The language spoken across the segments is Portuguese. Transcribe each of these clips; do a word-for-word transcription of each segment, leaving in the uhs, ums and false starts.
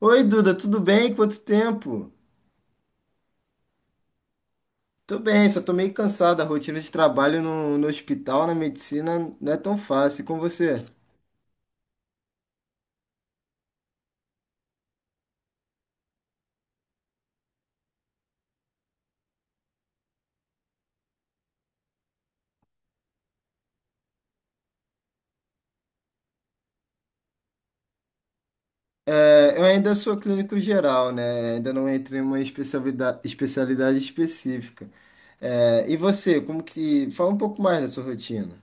Oi, Duda, tudo bem? Quanto tempo? Tô bem, só tô meio cansado. A rotina de trabalho no, no hospital, na medicina, não é tão fácil. E com você? É, eu ainda sou clínico geral, né? Ainda não entrei em uma especialidade, especialidade específica. É, e você, como que... Fala um pouco mais da sua rotina.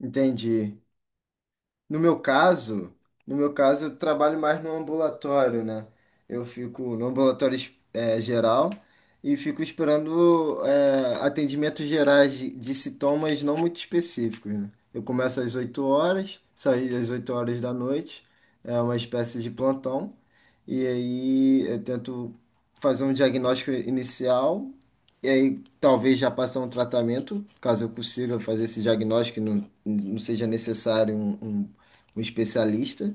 Entendi. No meu caso, no meu caso, eu trabalho mais no ambulatório, né? Eu fico no ambulatório es- eh, geral e fico esperando eh, atendimentos gerais de, de sintomas não muito específicos, né? Eu começo às oito horas, saio às oito horas da noite, é uma espécie de plantão, e aí eu tento fazer um diagnóstico inicial, e aí talvez já passar um tratamento, caso eu consiga fazer esse diagnóstico e não, não seja necessário um, um um especialista.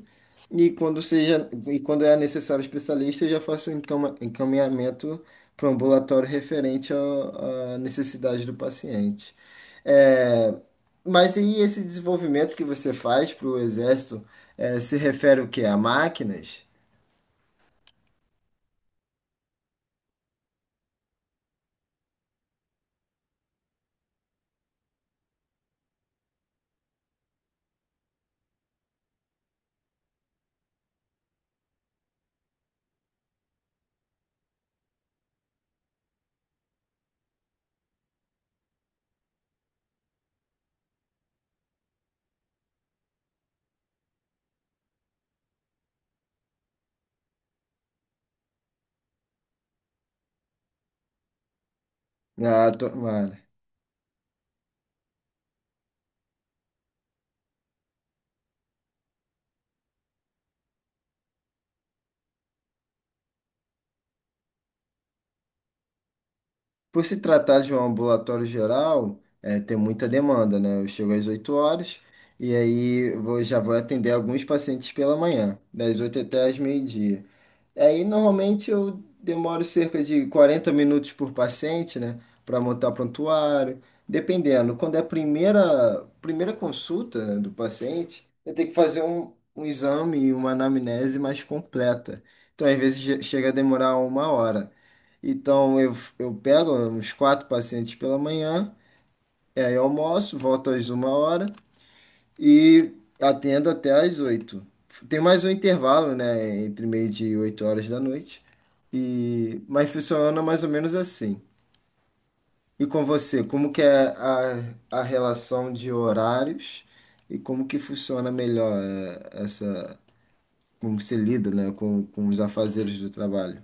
E quando seja, e quando é necessário o especialista, eu já faço um encama- encaminhamento para o ambulatório referente ao- à necessidade do paciente. É, mas e esse desenvolvimento que você faz para o exército, é, se refere o quê? A máquinas? Ah, tomara. Por se tratar de um ambulatório geral, é, tem muita demanda, né? Eu chego às oito horas e aí vou, já vou atender alguns pacientes pela manhã, das oito até às meio-dia. Aí normalmente eu demoro cerca de quarenta minutos por paciente, né? Para montar prontuário, dependendo. Quando é a primeira, primeira consulta, né, do paciente, eu tenho que fazer um, um exame e uma anamnese mais completa. Então, às vezes, che- chega a demorar uma hora. Então eu, eu pego uns quatro pacientes pela manhã, e aí eu almoço, volto às uma hora e atendo até às oito. Tem mais um intervalo, né, entre meio-dia e oito horas da noite. E mas funciona mais ou menos assim. E com você, como que é a, a relação de horários e como que funciona melhor eh, essa, como você lida, né, com, com os afazeres do trabalho?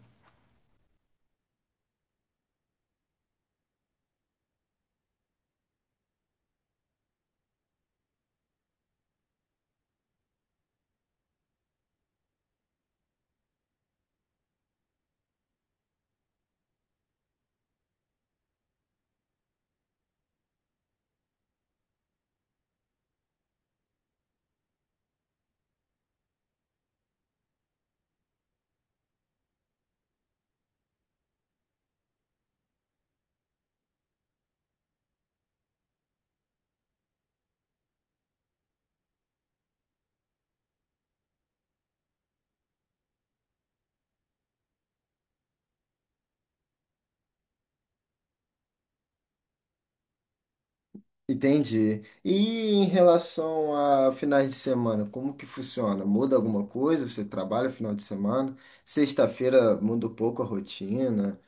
Entendi. E em relação a finais de semana, como que funciona? Muda alguma coisa? Você trabalha final de semana? Sexta-feira muda um pouco a rotina.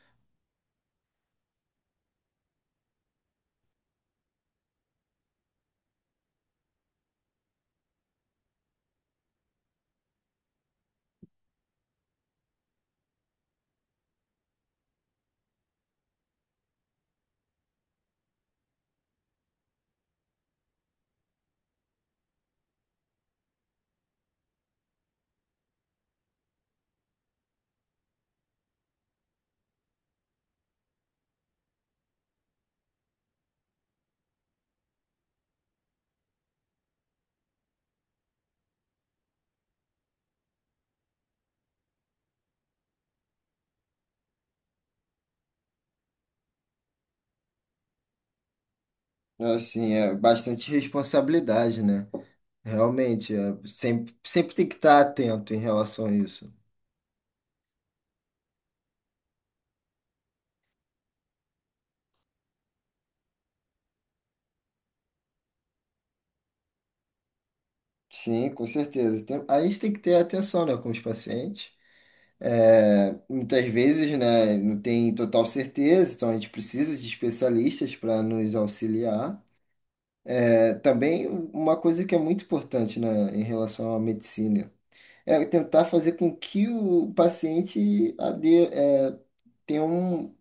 Assim, é bastante responsabilidade, né? Realmente, é, sempre, sempre tem que estar atento em relação a isso. Sim, com certeza. Tem- a gente tem que ter atenção, né, com os pacientes. É, muitas vezes, né, não tem total certeza, então a gente precisa de especialistas para nos auxiliar. É, também uma coisa que é muito importante na, em relação à medicina é tentar fazer com que o paciente ade, é, tenha um,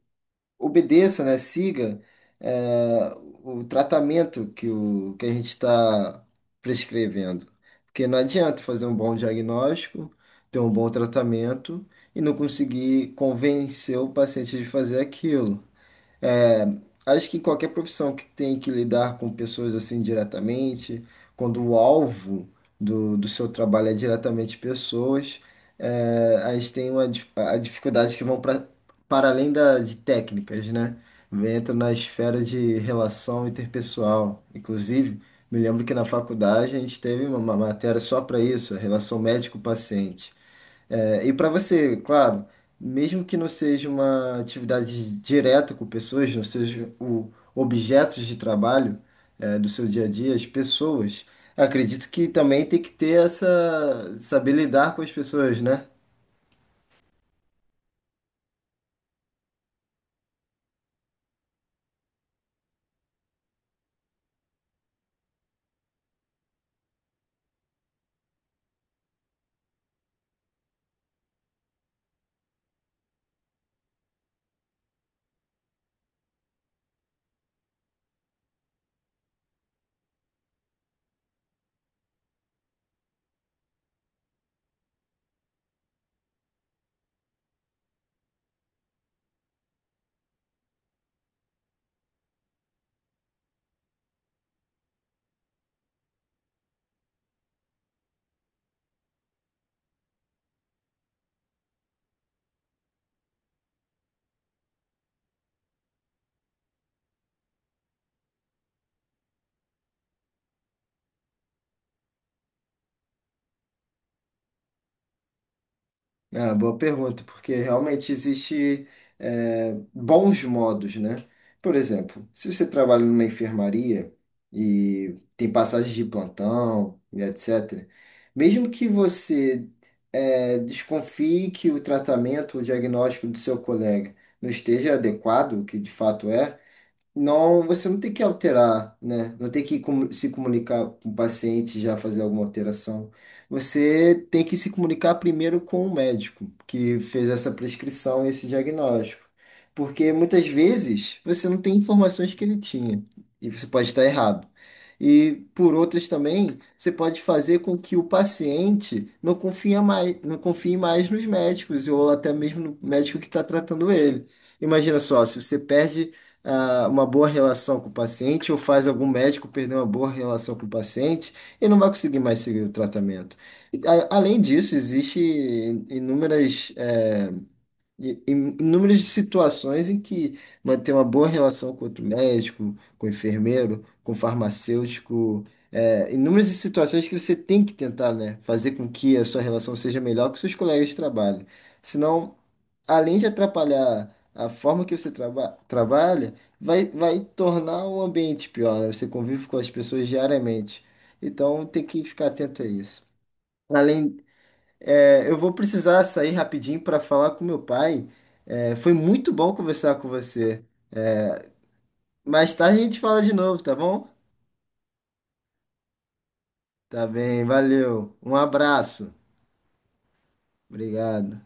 obedeça, né, siga é, o tratamento que, o, que a gente está prescrevendo. Porque não adianta fazer um bom diagnóstico, ter um bom tratamento e não conseguir convencer o paciente de fazer aquilo. É, acho que em qualquer profissão que tem que lidar com pessoas assim diretamente, quando o alvo do, do seu trabalho é diretamente pessoas, é, a gente tem uma, dif- a dificuldade que vão pra, para além da, de técnicas, né? Entra na esfera de relação interpessoal. Inclusive, me lembro que na faculdade a gente teve uma uma matéria só para isso, a relação médico-paciente. É, e para você, claro, mesmo que não seja uma atividade direta com pessoas, não seja o objetos de trabalho, é, do seu dia a dia, as pessoas, acredito que também tem que ter essa, saber lidar com as pessoas, né? Ah, boa pergunta, porque realmente existe eh, bons modos, né? Por exemplo, se você trabalha numa enfermaria e tem passagens de plantão e et cetera, mesmo que você eh, desconfie que o tratamento, o diagnóstico do seu colega não esteja adequado, o que de fato é, não, você não tem que alterar, né? Não tem que comu- se comunicar com o paciente já fazer alguma alteração. Você tem que se comunicar primeiro com o médico que fez essa prescrição, esse diagnóstico. Porque muitas vezes você não tem informações que ele tinha e você pode estar errado. E por outras também, você pode fazer com que o paciente não confia mais, não confie mais nos médicos ou até mesmo no médico que está tratando ele. Imagina só, se você perde ah, uma boa relação com o paciente ou faz algum médico perder uma boa relação com o paciente e não vai conseguir mais seguir o tratamento. E, a- além disso, existe inúmeras, eh, i- in- inúmeras situações em que manter uma boa relação com outro médico, com o enfermeiro, com o farmacêutico, eh, inúmeras situações que você tem que tentar, né, fazer com que a sua relação seja melhor com seus colegas de trabalho. Senão, além de atrapalhar a forma que você traba- trabalha, vai, vai tornar o ambiente pior, né? Você convive com as pessoas diariamente. Então, tem que ficar atento a isso. Além, é, eu vou precisar sair rapidinho para falar com meu pai. É, foi muito bom conversar com você. Mais tarde a gente fala de novo, tá bom? Tá bem, valeu. Um abraço. Obrigado.